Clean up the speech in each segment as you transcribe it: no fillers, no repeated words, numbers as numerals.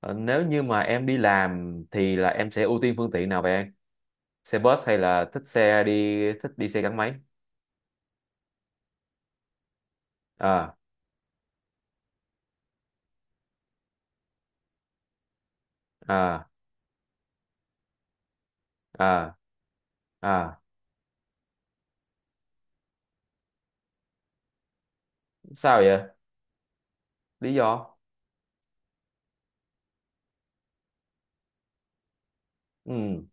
Ờ, Nếu như mà em đi làm thì là em sẽ ưu tiên phương tiện nào vậy em? Xe bus hay là thích đi xe gắn máy? À, à, à, à, sao vậy? Lý do? Ừ,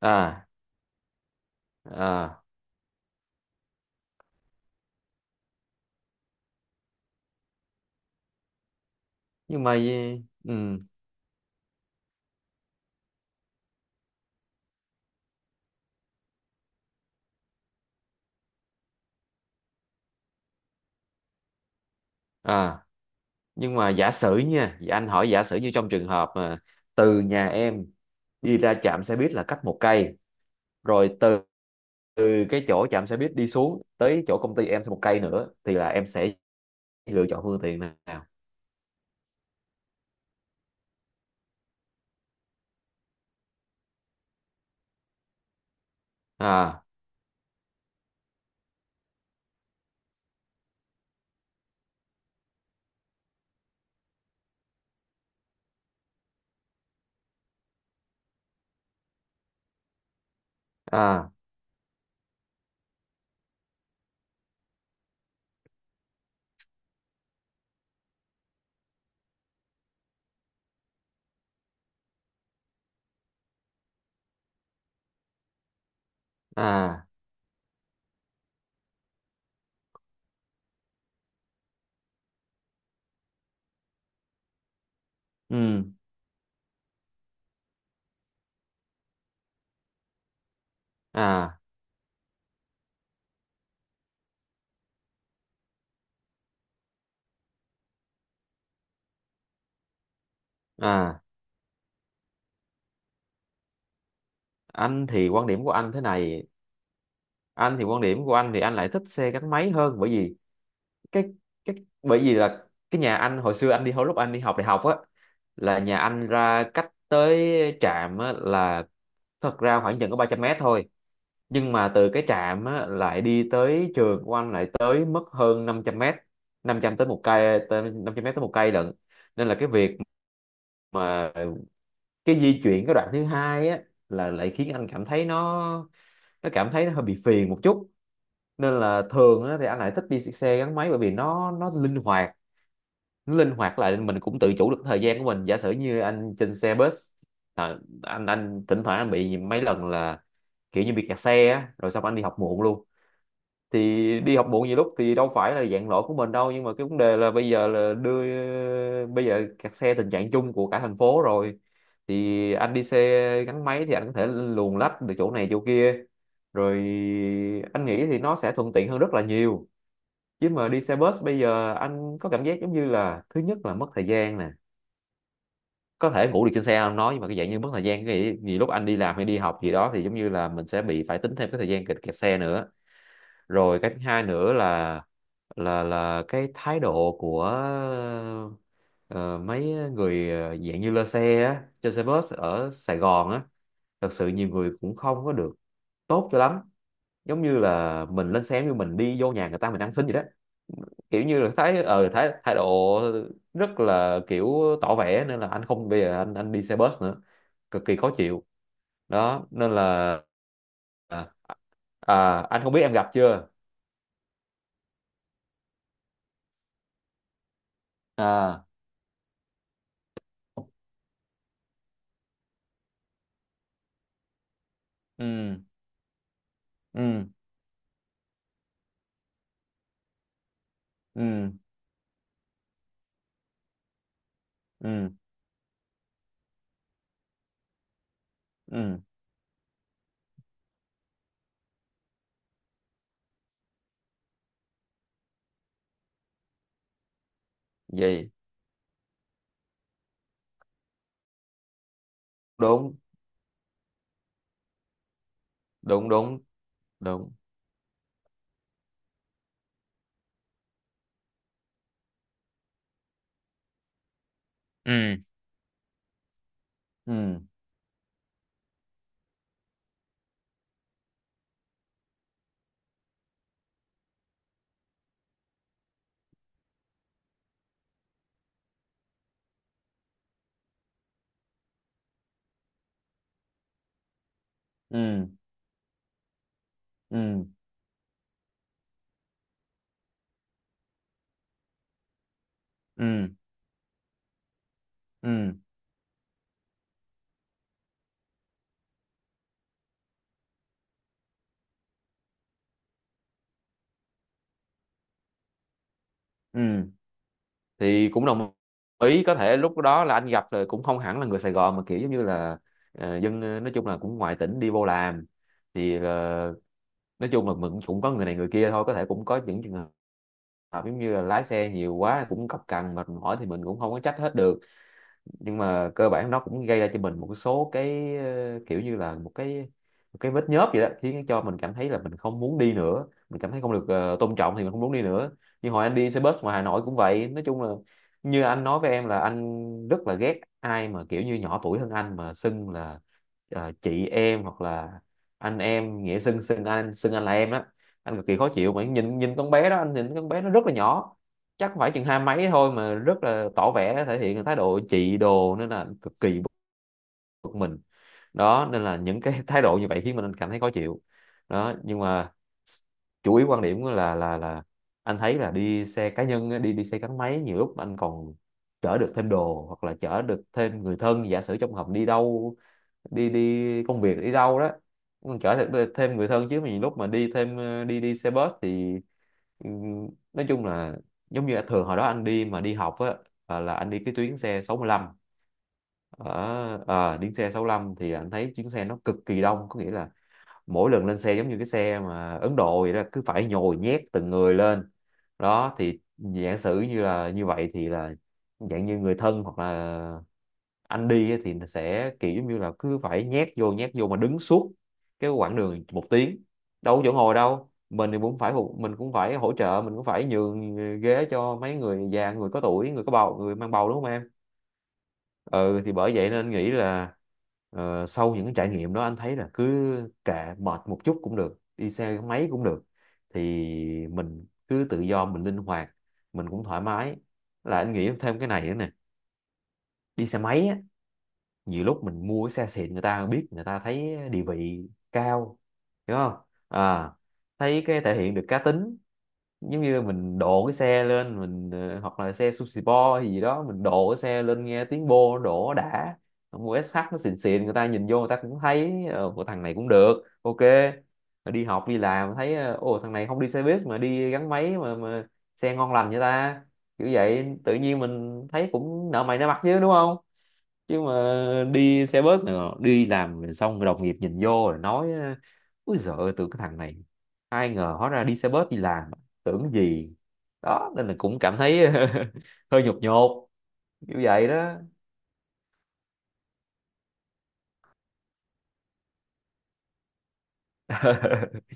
à, à nhưng mà ừ à nhưng mà giả sử nha, dạ anh hỏi giả sử như trong trường hợp mà từ nhà em đi ra trạm xe buýt là cách một cây, rồi từ cái chỗ trạm xe buýt đi xuống tới chỗ công ty em thêm một cây nữa thì là em sẽ lựa chọn phương tiện nào? À, à, à, ừ, à, à. Anh thì quan điểm của anh thế này. Anh thì quan điểm của anh thì anh lại thích xe gắn máy hơn, bởi vì cái cái bởi vì là cái nhà anh hồi xưa anh đi, hồi lúc anh đi học đại học á, là nhà anh ra cách tới trạm á, là thật ra khoảng chừng có 300 mét thôi, nhưng mà từ cái trạm á, lại đi tới trường của anh lại tới mất hơn 500 mét. 500 mét tới một cây lận. Nên là cái việc mà cái di chuyển cái đoạn thứ hai á, là lại khiến anh cảm thấy nó cảm thấy nó hơi bị phiền một chút. Nên là thường á, thì anh lại thích đi xe gắn máy bởi vì nó linh hoạt, nó linh hoạt lại mình cũng tự chủ được thời gian của mình. Giả sử như anh trên xe bus, à, anh thỉnh thoảng anh bị mấy lần là kiểu như bị kẹt xe á, rồi xong anh đi học muộn luôn. Thì đi học muộn nhiều lúc thì đâu phải là dạng lỗi của mình đâu, nhưng mà cái vấn đề là bây giờ kẹt xe tình trạng chung của cả thành phố rồi. Thì anh đi xe gắn máy thì anh có thể luồn lách được chỗ này chỗ kia. Rồi anh nghĩ thì nó sẽ thuận tiện hơn rất là nhiều. Chứ mà đi xe bus bây giờ anh có cảm giác giống như là thứ nhất là mất thời gian nè, có thể ngủ được trên xe anh nói, nhưng mà cái dạng như mất thời gian cái gì lúc anh đi làm hay đi học gì đó, thì giống như là mình sẽ bị phải tính thêm cái thời gian kẹt kẹt xe nữa. Rồi cái thứ hai nữa là cái thái độ của ờ, mấy người dạng như lơ xe á, trên xe bus ở Sài Gòn á, thật sự nhiều người cũng không có được tốt cho lắm. Giống như là mình lên xe như mình đi vô nhà người ta mình ăn xin vậy đó. Kiểu như là thấy ờ thái thái độ rất là kiểu tỏ vẻ, nên là anh không bây giờ anh đi xe bus nữa. Cực kỳ khó chịu. Đó, nên là à, à, anh không biết em gặp chưa? À, ừ, ừ, ừ, ừ, ừ vậy. Đúng, đúng, đúng, đúng, ừ, ừ, ừ, ừ, ừ, ừ, ừ thì cũng đồng ý. Có thể lúc đó là anh gặp rồi, cũng không hẳn là người Sài Gòn mà kiểu giống như là dân, nói chung là cũng ngoài tỉnh đi vô làm, thì nói chung là mình cũng có người này người kia thôi. Có thể cũng có những trường hợp giống như là lái xe nhiều quá cũng cọc cằn mệt mỏi thì mình cũng không có trách hết được. Nhưng mà cơ bản nó cũng gây ra cho mình một số cái kiểu như là một cái, một cái vết nhớp vậy đó, khiến cho mình cảm thấy là mình không muốn đi nữa, mình cảm thấy không được tôn trọng thì mình không muốn đi nữa. Như hồi anh đi xe bus ngoài Hà Nội cũng vậy, nói chung là như anh nói với em là anh rất là ghét ai mà kiểu như nhỏ tuổi hơn anh mà xưng là chị em hoặc là anh em, nghĩa xưng xưng anh là em đó. Anh cực kỳ khó chịu mà nhìn nhìn con bé đó, anh nhìn con bé nó rất là nhỏ, chắc phải chừng hai mấy thôi mà rất là tỏ vẻ thể hiện thái độ trị đồ, nên là cực kỳ bực mình. Đó nên là những cái thái độ như vậy khiến mình cảm thấy khó chịu. Đó nhưng mà chủ yếu quan điểm là anh thấy là đi xe cá nhân á, đi đi xe gắn máy nhiều lúc anh còn chở được thêm đồ hoặc là chở được thêm người thân, giả sử trong hợp đi đâu, đi đi công việc đi đâu đó, mình chở thêm thêm người thân. Chứ mình lúc mà đi thêm đi đi xe bus thì ừ, nói chung là giống như thường hồi đó anh đi mà đi học á, là anh đi cái tuyến xe 65. Ở đi xe 65 thì anh thấy chuyến xe nó cực kỳ đông, có nghĩa là mỗi lần lên xe giống như cái xe mà Ấn Độ vậy đó, cứ phải nhồi nhét từng người lên. Đó thì giả sử như là như vậy thì là dạng như người thân hoặc là anh đi á, thì sẽ kiểu giống như là cứ phải nhét vô mà đứng suốt cái quãng đường 1 tiếng, đâu có chỗ ngồi đâu. Mình thì cũng phải mình cũng phải hỗ trợ, mình cũng phải nhường ghế cho mấy người già, người có tuổi, người có bầu, người mang bầu, đúng không em? Ừ thì bởi vậy nên anh nghĩ là sau những cái trải nghiệm đó anh thấy là cứ kệ, mệt một chút cũng được, đi xe máy cũng được. Thì mình cứ tự do, mình linh hoạt, mình cũng thoải mái. Là anh nghĩ thêm cái này nữa nè, đi xe máy á, nhiều lúc mình mua cái xe xịn, người ta biết người ta thấy địa vị cao, hiểu không? À, thấy cái thể hiện được cá tính, giống như mình độ cái xe lên mình hoặc là xe sushi bo hay gì đó, mình độ cái xe lên nghe tiếng bô nó đổ đã. Mua SH nó xịn xịn, người ta nhìn vô người ta cũng thấy của thằng này cũng được, ok. Rồi đi học đi làm thấy ồ, thằng này không đi xe buýt mà đi gắn máy mà xe ngon lành vậy ta, kiểu vậy tự nhiên mình thấy cũng nợ mày nợ mặt chứ đúng không? Chứ mà đi xe bus này, đi làm rồi xong rồi đồng nghiệp nhìn vô rồi nói: ui giời ơi tưởng cái thằng này, ai ngờ hóa ra đi xe bus đi làm, tưởng gì. Đó nên là cũng cảm thấy hơi nhột nhột như vậy đó.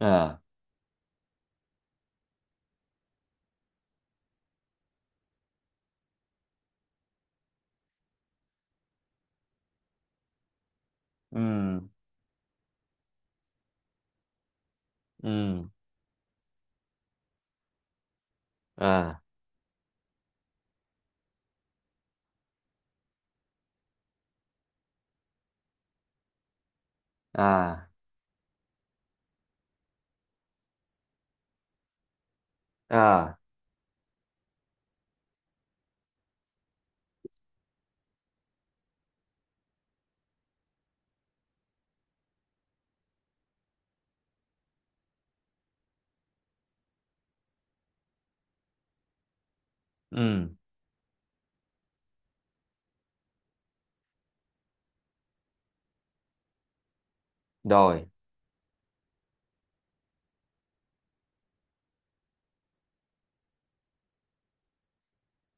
À, ừ, ừ, à, à, à, ừ rồi.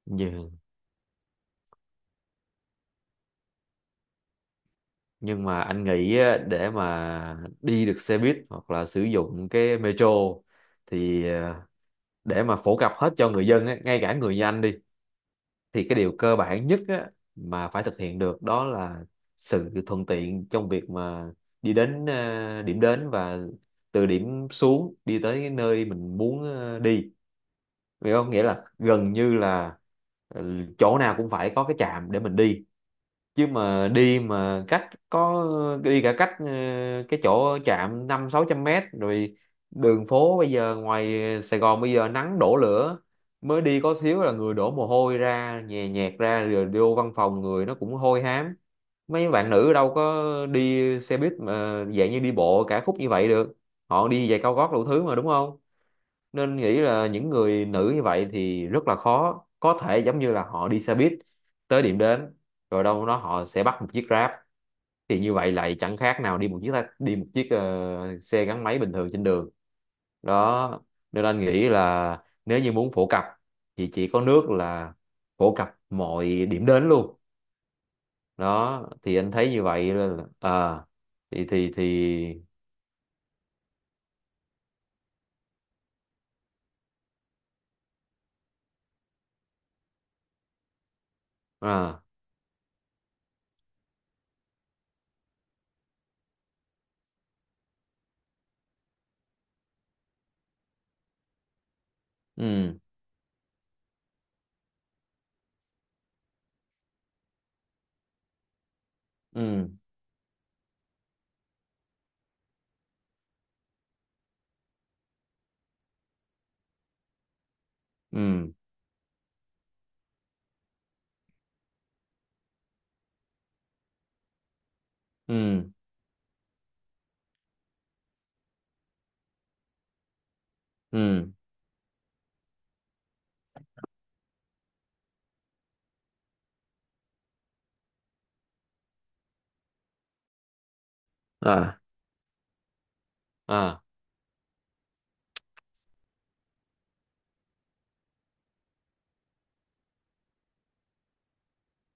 Nhưng nhưng mà anh nghĩ á, để mà đi được xe buýt hoặc là sử dụng cái metro thì để mà phổ cập hết cho người dân á, ngay cả người như anh đi, thì cái điều cơ bản nhất á, mà phải thực hiện được đó là sự thuận tiện trong việc mà đi đến điểm đến, và từ điểm xuống đi tới cái nơi mình muốn đi, hiểu không? Nghĩa là gần như là ừ, chỗ nào cũng phải có cái trạm để mình đi. Chứ mà đi mà cách có, đi cả cách cái chỗ trạm năm sáu trăm mét rồi, đường phố bây giờ ngoài Sài Gòn bây giờ nắng đổ lửa, mới đi có xíu là người đổ mồ hôi ra nhè nhẹt ra, rồi vô văn phòng người nó cũng hôi hám. Mấy bạn nữ đâu có đi xe buýt mà dạng như đi bộ cả khúc như vậy được, họ đi giày cao gót đủ thứ mà, đúng không? Nên nghĩ là những người nữ như vậy thì rất là khó có thể giống như là họ đi xe buýt tới điểm đến, rồi đâu đó họ sẽ bắt một chiếc Grab. Thì như vậy lại chẳng khác nào đi một chiếc đi một chiếc xe gắn máy bình thường trên đường. Đó nên anh nghĩ là nếu như muốn phổ cập thì chỉ có nước là phổ cập mọi điểm đến luôn. Đó thì anh thấy như vậy là à thì à, ừ, ừ, ừ, ừ, ừ, à, à.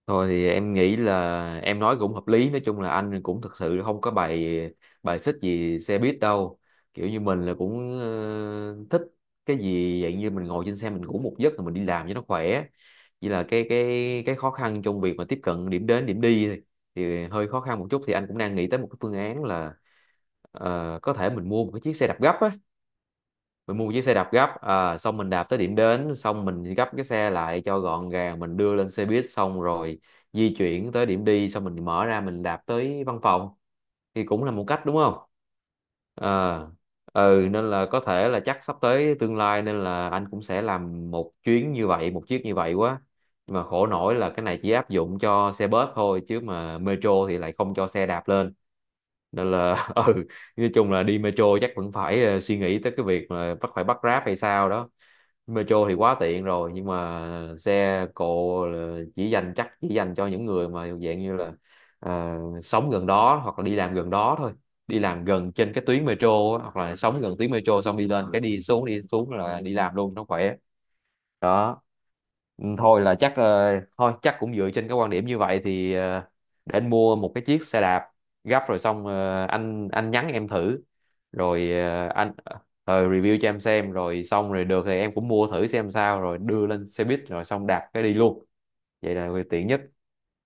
Thôi thì em nghĩ là em nói cũng hợp lý. Nói chung là anh cũng thực sự không có bài bài xích gì xe buýt đâu, kiểu như mình là cũng thích cái gì dạng như mình ngồi trên xe mình ngủ một giấc rồi mình đi làm cho nó khỏe. Chỉ là cái khó khăn trong việc mà tiếp cận điểm đến điểm đi thì hơi khó khăn một chút. Thì anh cũng đang nghĩ tới một cái phương án là có thể mình mua một cái chiếc xe đạp gấp á, mình mua một chiếc xe đạp gấp à, xong mình đạp tới điểm đến, xong mình gấp cái xe lại cho gọn gàng, mình đưa lên xe buýt, xong rồi di chuyển tới điểm đi, xong mình mở ra mình đạp tới văn phòng. Thì cũng là một cách, đúng không? À, ừ nên là có thể là chắc sắp tới tương lai nên là anh cũng sẽ làm một chuyến như vậy, một chiếc như vậy quá. Nhưng mà khổ nỗi là cái này chỉ áp dụng cho xe bus thôi, chứ mà metro thì lại không cho xe đạp lên. Nên là ừ, nói chung là đi metro chắc vẫn phải suy nghĩ tới cái việc mà bắt Grab hay sao đó. Metro thì quá tiện rồi, nhưng mà xe cộ là chỉ dành, chắc chỉ dành cho những người mà dạng như là ờ, sống gần đó hoặc là đi làm gần đó thôi. Đi làm gần trên cái tuyến metro á, hoặc là sống gần tuyến metro, xong đi lên cái, đi xuống là đi làm luôn nó khỏe. Đó. Ừ, thôi là chắc thôi chắc cũng dựa trên cái quan điểm như vậy thì để anh mua một cái chiếc xe đạp gấp, rồi xong anh nhắn em thử. Rồi anh review cho em xem, rồi xong rồi được thì em cũng mua thử xem sao, rồi đưa lên xe buýt rồi xong đạp cái đi luôn. Vậy là tiện nhất.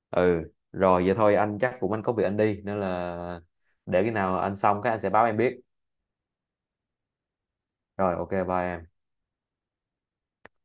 Ừ rồi vậy thôi, anh chắc cũng anh có việc anh đi, nên là để khi nào anh xong cái anh sẽ báo em biết. Rồi ok bye em.